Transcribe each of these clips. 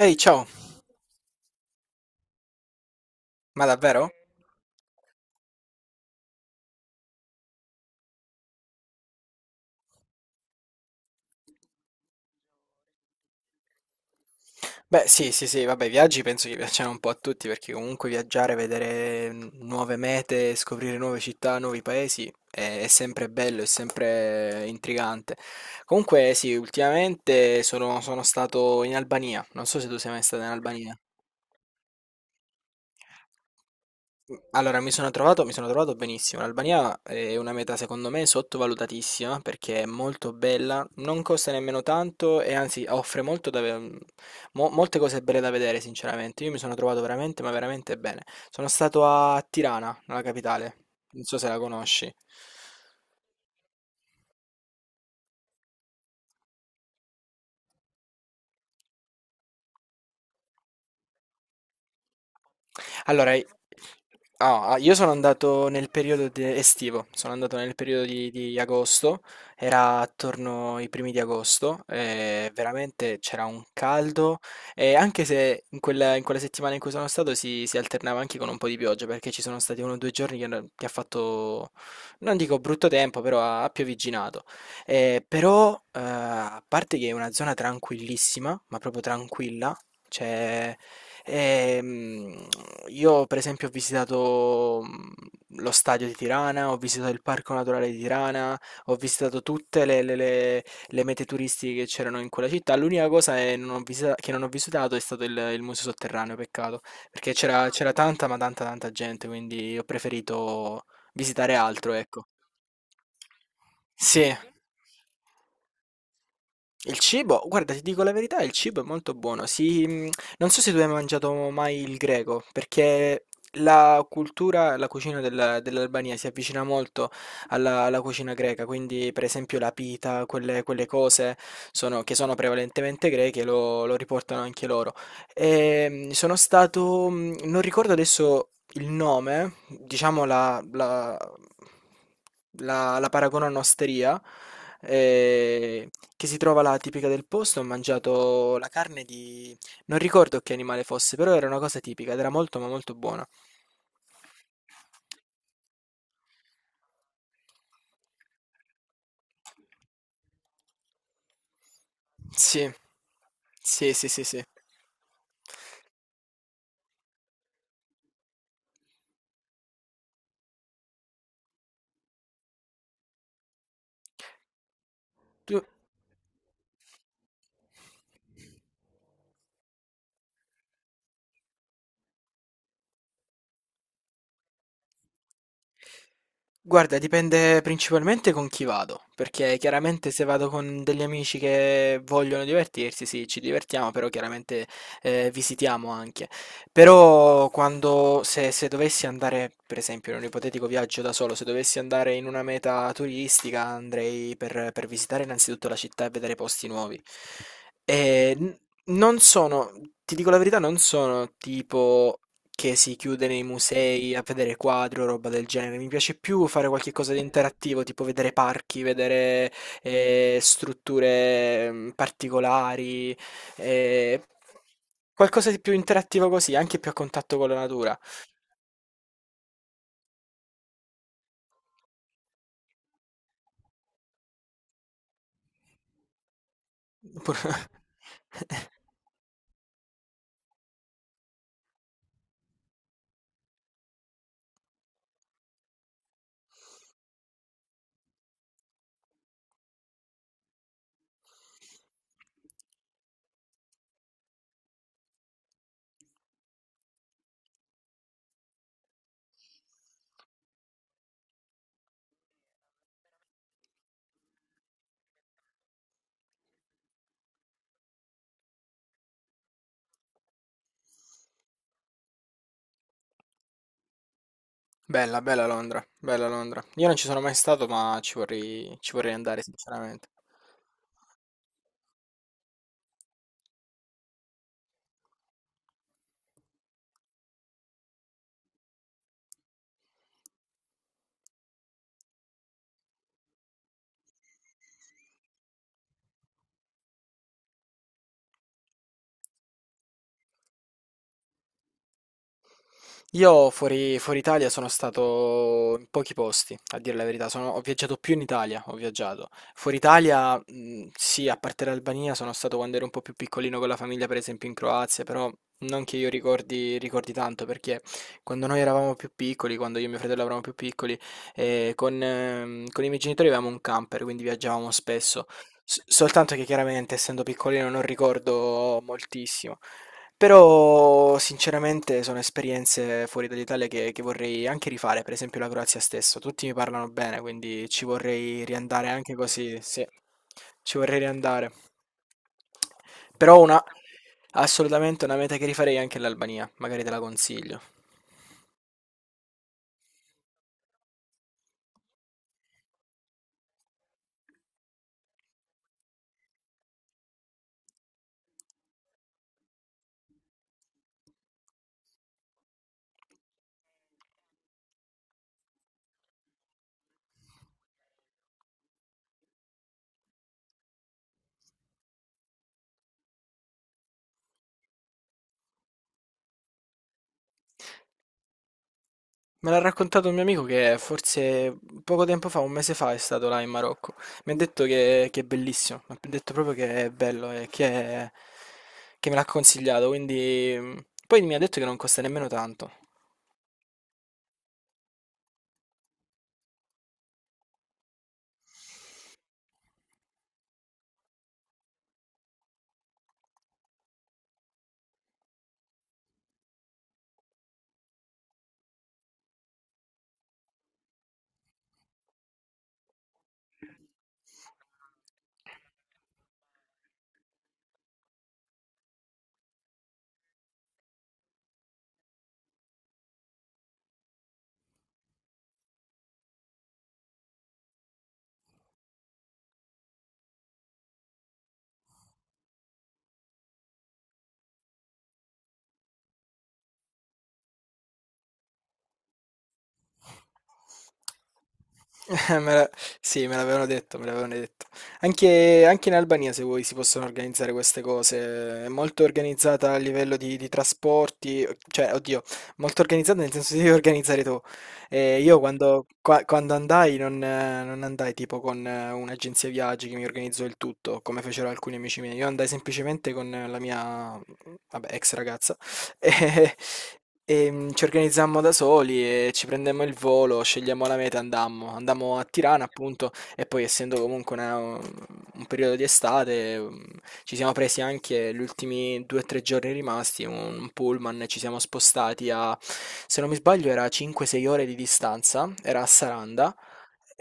Ehi, ciao! Ma davvero? Beh, sì, sì, sì, vabbè, i viaggi penso che piacciono un po' a tutti perché comunque viaggiare, vedere nuove mete, scoprire nuove città, nuovi paesi è sempre bello, è sempre intrigante. Comunque, sì, ultimamente sono stato in Albania, non so se tu sei mai stato in Albania. Allora, mi sono trovato benissimo. L'Albania è una meta, secondo me, sottovalutatissima perché è molto bella, non costa nemmeno tanto e anzi offre molto da molte cose belle da vedere, sinceramente. Io mi sono trovato veramente, ma veramente bene. Sono stato a Tirana, nella capitale. Non so se la conosci. Allora, io sono andato nel periodo estivo, sono andato nel periodo di agosto, era attorno ai primi di agosto, e veramente c'era un caldo, e anche se in quella settimana in cui sono stato si alternava anche con un po' di pioggia, perché ci sono stati uno o due giorni che ha fatto, non dico brutto tempo, però ha piovigginato. Però, a parte che è una zona tranquillissima, ma proprio tranquilla, c'è... Ehm, io per esempio ho visitato lo stadio di Tirana, ho visitato il parco naturale di Tirana, ho visitato tutte le mete turistiche che c'erano in quella città. L'unica cosa è non ho visita- che non ho visitato è stato il museo sotterraneo, peccato, perché c'era tanta, ma tanta, tanta gente, quindi ho preferito visitare altro, ecco. Sì. Il cibo, guarda, ti dico la verità, il cibo è molto buono. Si, non so se tu hai mangiato mai il greco, perché la cultura, la cucina dell'Albania si avvicina molto alla cucina greca, quindi per esempio la pita, quelle cose che sono prevalentemente greche, lo riportano anche loro. Sono stato, non ricordo adesso il nome, diciamo la paragono a un'osteria, ehm, che si trova là tipica del posto. Ho mangiato la carne di non ricordo che animale fosse, però era una cosa tipica ed era molto, ma molto buona. Sì. Sì, sì, sì, sì. Tu Guarda, dipende principalmente con chi vado, perché chiaramente se vado con degli amici che vogliono divertirsi, sì, ci divertiamo, però chiaramente visitiamo anche. Però quando, se dovessi andare, per esempio, in un ipotetico viaggio da solo, se dovessi andare in una meta turistica, andrei per visitare innanzitutto la città e vedere posti nuovi. E non sono, ti dico la verità, non sono tipo che si chiude nei musei a vedere quadri o roba del genere. Mi piace più fare qualche cosa di interattivo, tipo vedere parchi, vedere strutture particolari, eh, qualcosa di più interattivo così, anche più a contatto con la natura. Pur- Bella, bella Londra, bella Londra. Io non ci sono mai stato, ma ci vorrei andare, sinceramente. Io fuori Italia sono stato in pochi posti, a dire la verità. Ho viaggiato più in Italia, ho viaggiato. Fuori Italia, sì, a parte l'Albania, sono stato quando ero un po' più piccolino con la famiglia, per esempio in Croazia, però non che io ricordi, tanto, perché quando noi eravamo più piccoli, quando io e mio fratello eravamo più piccoli, con i miei genitori avevamo un camper, quindi viaggiavamo spesso. Soltanto che chiaramente, essendo piccolino, non ricordo moltissimo. Però sinceramente sono esperienze fuori dall'Italia che vorrei anche rifare, per esempio la Croazia stesso, tutti mi parlano bene, quindi ci vorrei riandare anche così, sì, ci vorrei riandare. Però assolutamente una meta che rifarei è anche l'Albania, magari te la consiglio. Me l'ha raccontato un mio amico che forse poco tempo fa, un mese fa, è stato là in Marocco. Mi ha detto che è bellissimo, mi ha detto proprio che è bello e che me l'ha consigliato, quindi. Poi mi ha detto che non costa nemmeno tanto. Eh, Me la- Sì, me l'avevano detto, me l'avevano detto. Anche in Albania, se vuoi, si possono organizzare queste cose. È molto organizzata a livello di trasporti, cioè, oddio, molto organizzata nel senso di devi organizzare tu. Io quando andai non andai tipo con un'agenzia viaggi che mi organizzò il tutto, come fecero alcuni amici miei. Io andai semplicemente con la mia, vabbè, ex ragazza. E, e ci organizzammo da soli e ci prendemmo il volo, scegliamo la meta e andammo. Andammo a Tirana, appunto, e poi essendo comunque un periodo di estate, ci siamo presi anche gli ultimi due o tre giorni rimasti, un pullman, e ci siamo spostati a, se non mi sbaglio, era 5-6 ore di distanza, era a Saranda.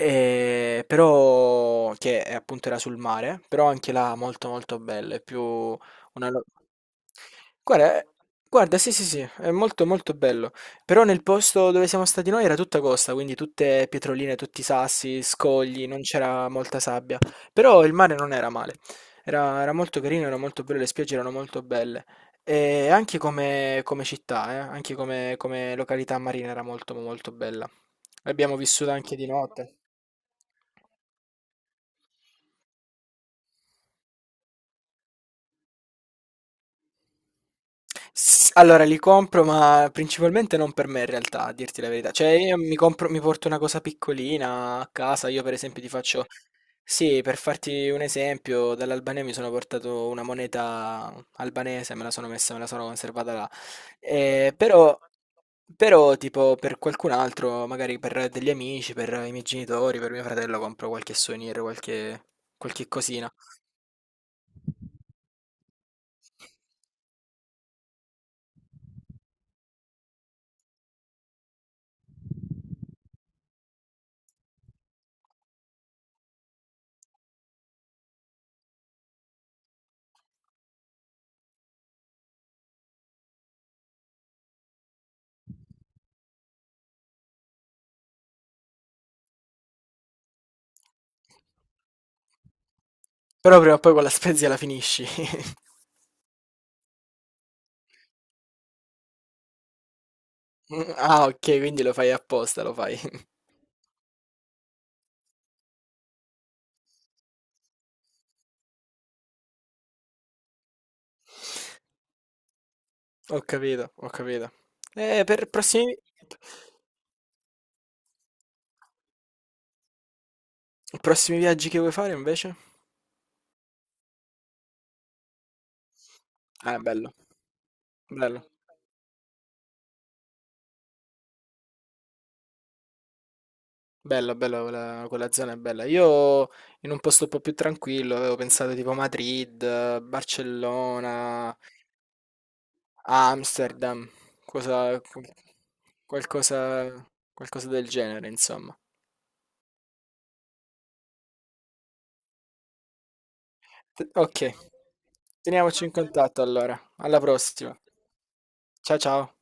Però che appunto era sul mare, però anche là molto molto bella, è più una. Lo- Guarda, eh, guarda, sì, sì, sì, è molto molto bello. Però nel posto dove siamo stati noi era tutta costa, quindi tutte pietroline, tutti sassi, scogli, non c'era molta sabbia. Però il mare non era male. Era molto carino, era molto bello, le spiagge erano molto belle. E anche come città, anche come località marina era molto molto bella. L'abbiamo vissuta anche di notte. S Allora li compro, ma principalmente non per me in realtà, a dirti la verità. Cioè io mi compro mi porto una cosa piccolina a casa, io per esempio ti faccio sì, per farti un esempio, dall'Albania mi sono portato una moneta albanese, me la sono messa, me la sono conservata là. Eh, però però tipo per qualcun altro, magari per degli amici, per i miei genitori, per mio fratello compro qualche souvenir, qualche cosina. Però prima o poi quella spezia la finisci. Ah, ok, quindi lo fai apposta, lo fai. Ho capito, ho capito. Per prossimi viaggi che vuoi fare invece? Ah, è bello, bello, bello, bello, quella zona è bella. Io in un posto un po' più tranquillo avevo pensato tipo Madrid, Barcellona, Amsterdam, cosa, qu- qualcosa, qualcosa del genere, insomma. Ok, teniamoci in contatto allora. Alla prossima. Ciao ciao.